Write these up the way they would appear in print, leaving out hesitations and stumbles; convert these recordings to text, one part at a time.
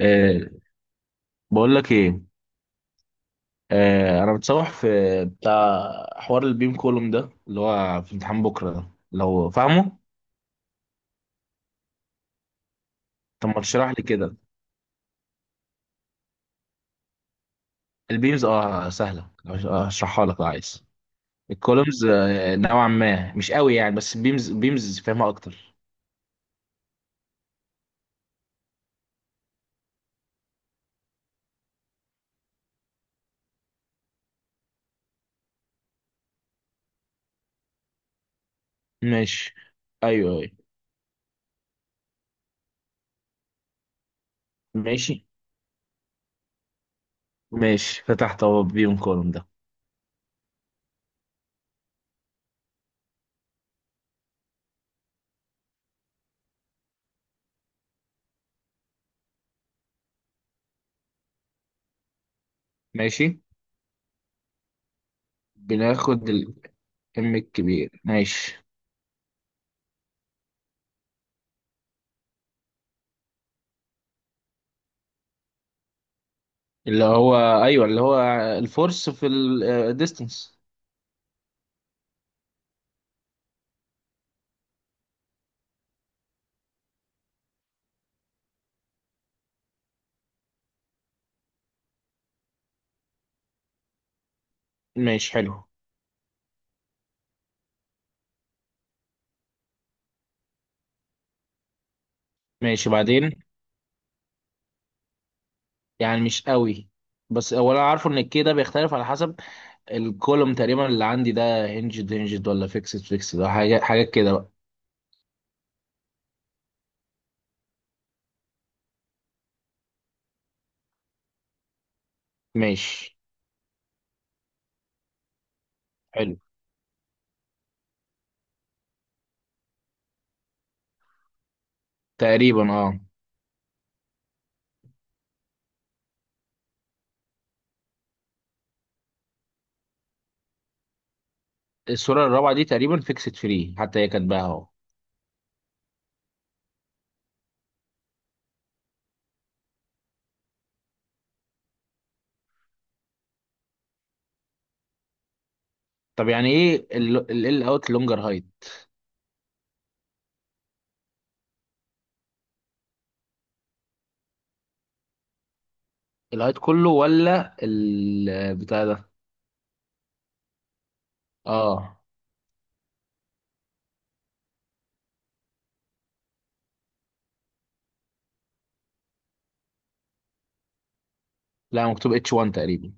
أه، بقول لك ايه. انا متصوح في بتاع حوار البيم كولوم ده اللي هو في امتحان بكره ده لو فاهمه. طب ما تشرح لي كده. البيمز اه سهله، هشرحها لك لو عايز. الكولومز نوعا ما مش قوي يعني، بس البيمز فاهمها اكتر. ماشي. ايوه. ماشي ماشي، فتحت اهو البيم كولوم ده. ماشي، بناخد الام الكبير. ماشي. اللي هو؟ ايوه، اللي هو الفورس في الديستنس. ماشي، حلو. ماشي، بعدين. يعني مش قوي، بس هو انا عارفه ان الكي ده بيختلف على حسب الكولوم. تقريبا اللي عندي ده هنجد هنجد ولا فيكسد فيكسد، ده حاجه حاجات كده بقى. ماشي. حلو. تقريبا اه. الصوره الرابعه دي تقريبا فيكسد فري، حتى هي كاتباها اهو. طب يعني ايه ال اوت لونجر هايت؟ الهايت كله ولا البتاع ده؟ اه. لا، مكتوب اتش 1 تقريبا.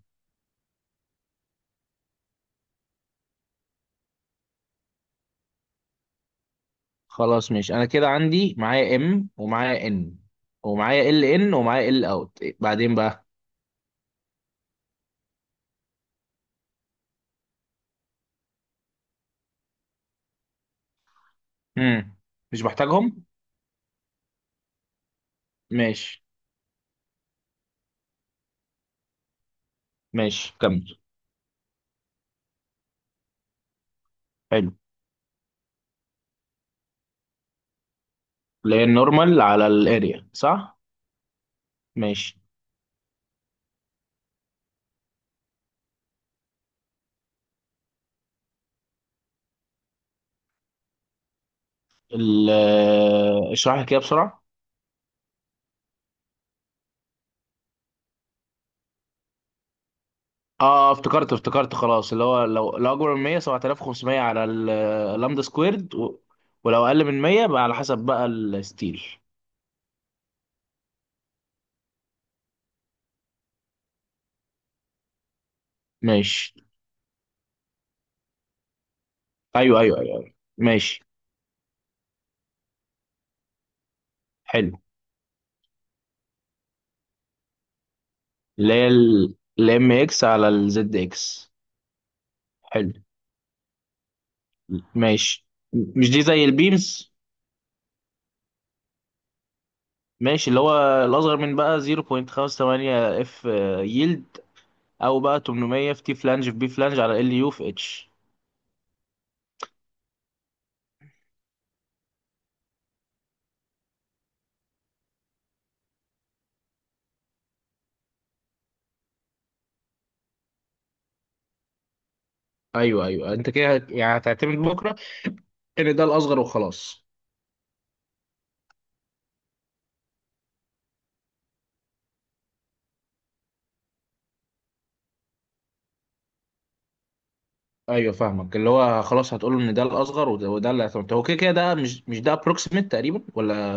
خلاص ماشي، انا كده عندي معايا ام ومعايا ان ومعايا ال ان ومعايا ال اوت، بعدين بقى. امم. مش محتاجهم؟ ماشي. ماشي كمل. حلو. لان نورمال على الاريا، صح؟ ماشي. ال- اشرح لي كده بسرعه. اه، افتكرت خلاص، اللي هو لو اكبر من 100، 7500 على اللامدا سكويرد ولو اقل من 100 بقى على حسب بقى الستيل. ماشي. ايوه. ماشي. حلو. اللي هي الام اكس على الزد اكس. حلو. ماشي، مش دي زي البيمز؟ ماشي، اللي هو الأصغر من بقى 0.58 اف يلد، أو بقى 800 في تي فلانج في بي فلانج على ال يو في اتش. ايوه، انت كده يعني هتعتمد بكره ان ده الاصغر وخلاص. ايوه، فاهمك، اللي هو خلاص هتقول له ان ده الاصغر وده، اللي هتعتمد. هو كده كده ده مش ده ابروكسيميت تقريبا ولا؟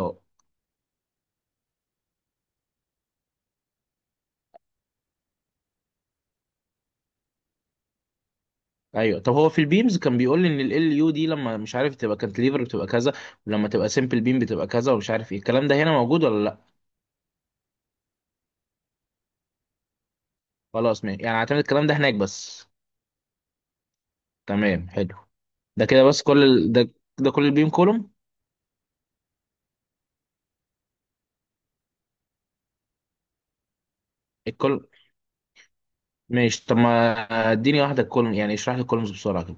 ايوه. طب هو في البيمز كان بيقول لي ان ال يو دي لما مش عارف تبقى كانتليفر بتبقى كذا، ولما تبقى سمبل بيم بتبقى كذا، ومش عارف ايه. الكلام ده هنا موجود ولا لا؟ خلاص ماشي، يعني هعتمد الكلام ده هناك بس. تمام، حلو. ده كده بس كل ده ده كل البيم كولوم. الكل. ماشي، طب ما اديني واحده كولوم، يعني اشرح لي الكولومز بسرعه كده.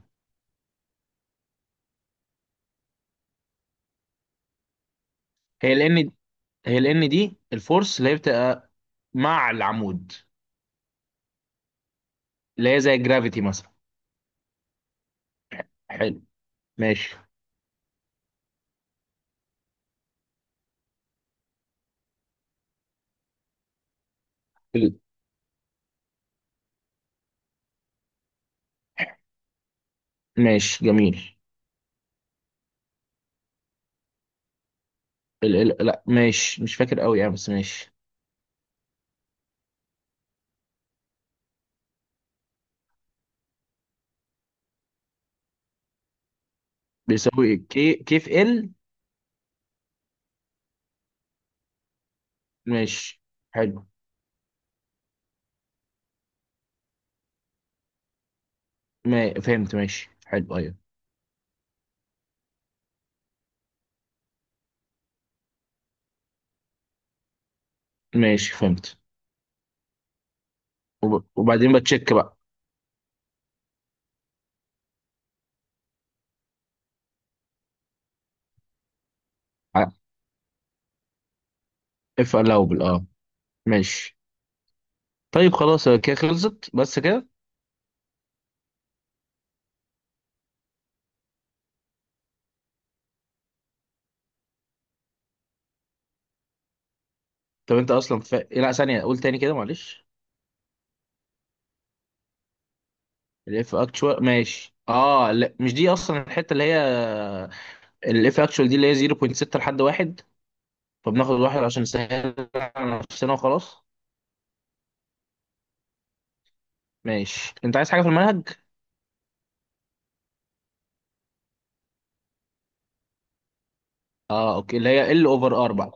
هي ال ان؟ هي ال ان دي الفورس اللي هي بتبقى مع العمود، اللي هي زي الجرافيتي مثلا. حلو. ماشي. ال- ماشي، جميل. لا ماشي، مش فاكر قوي يعني، بس ماشي. بيساوي كي كيف ال. ماشي، حلو. ما... فهمت، ماشي، حلو، ايوه. ماشي، فهمت. وبعدين بتشيك بقى. اف الاوبل، اه. ماشي، طيب خلاص كده خلصت، بس كده. طب انت اصلا إيه، لا ثانيه قول تاني كده معلش. الاف اكتشوال، ماشي، اه. لا مش دي اصلا الحته اللي هي الاف اكتشوال دي، اللي هي 0.6 لحد واحد، فبناخد واحد عشان نسهل على نفسنا وخلاص. ماشي. انت عايز حاجه في المنهج؟ اه اوكي، اللي هي ال اوفر اربعة.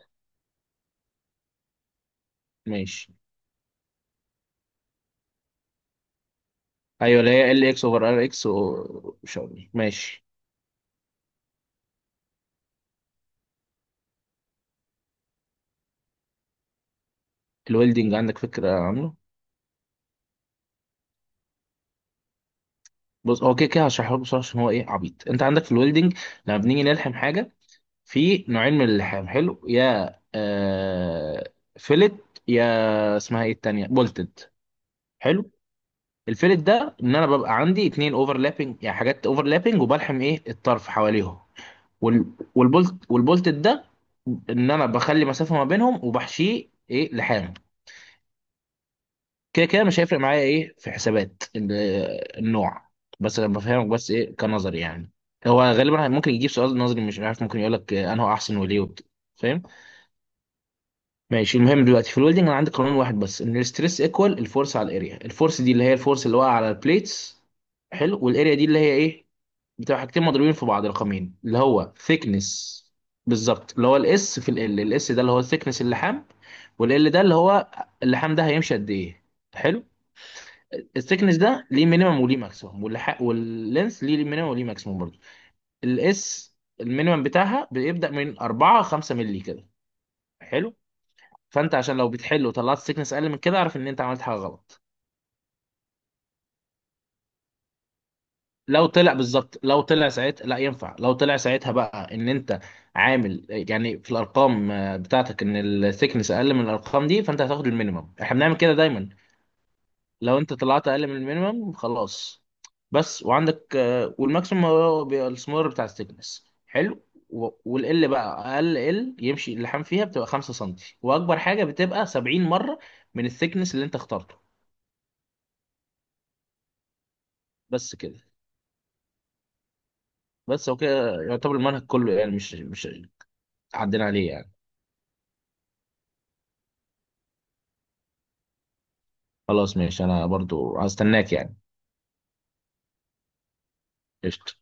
ماشي. ايوه، اللي هي ال اكس اوفر ار اكس مش عارف. ماشي. الويلدنج عندك فكره عنه؟ بص هو كده كده هشرحه لك بسرعه عشان هو ايه، عبيط. انت عندك في الويلدنج لما بنيجي نلحم حاجه، في نوعين من اللحام، حلو، يا فيلت يا اسمها ايه التانية بولتد. حلو. الفيلت ده ان انا ببقى عندي اتنين اوفرلابنج، يعني حاجات اوفرلابنج، وبلحم ايه الطرف حواليهم. وال والبولت والبولتد ده ان انا بخلي مسافة ما بينهم وبحشيه ايه لحام. كده كده مش هيفرق معايا ايه في حسابات النوع، بس انا بفهمك بس ايه كنظري يعني. هو غالبا ممكن يجيب سؤال نظري، مش عارف، ممكن يقول لك انه احسن وليه فاهم. ماشي. المهم دلوقتي في الويلدنج انا عندي قانون واحد بس، ان الستريس ايكوال الفورس على الاريا. الفورس دي اللي هي الفورس اللي واقع على البليتس، حلو. والاريا دي اللي هي ايه، بتبقى حاجتين مضروبين في بعض، رقمين، اللي هو ثيكنس. بالظبط، اللي هو الاس في ال، الاس ده اللي هو الثيكنس اللحام، والال ده اللي هو اللحام ده هيمشي قد ايه. حلو. الثيكنس ده ليه مينيمم وليه ماكسيمم، واللينث ليه مينيمم وليه ماكسيمم برضه. الاس المينيمم بتاعها بيبدأ من 4 5 مللي كده، حلو. فانت عشان لو بتحل وطلعت سيكنس اقل من كده، اعرف ان انت عملت حاجه غلط. لو طلع بالظبط، لو طلع ساعتها لا ينفع، لو طلع ساعتها بقى ان انت عامل يعني في الارقام بتاعتك ان الثيكنس اقل من الارقام دي، فانت هتاخد المينيمم، احنا بنعمل كده دايما. لو انت طلعت اقل من المينيمم خلاص. بس. وعندك والماكسيمم هو بيبقى السمور بتاع الثيكنس، حلو. و- والال بقى اقل ال يمشي اللحام فيها بتبقى 5 سم، واكبر حاجه بتبقى 70 مره من الثيكنس اللي انت اخترته. بس كده. بس هو كده يعتبر المنهج كله، يعني مش عدينا عليه يعني. خلاص ماشي، انا برضو هستناك يعني. قشطة.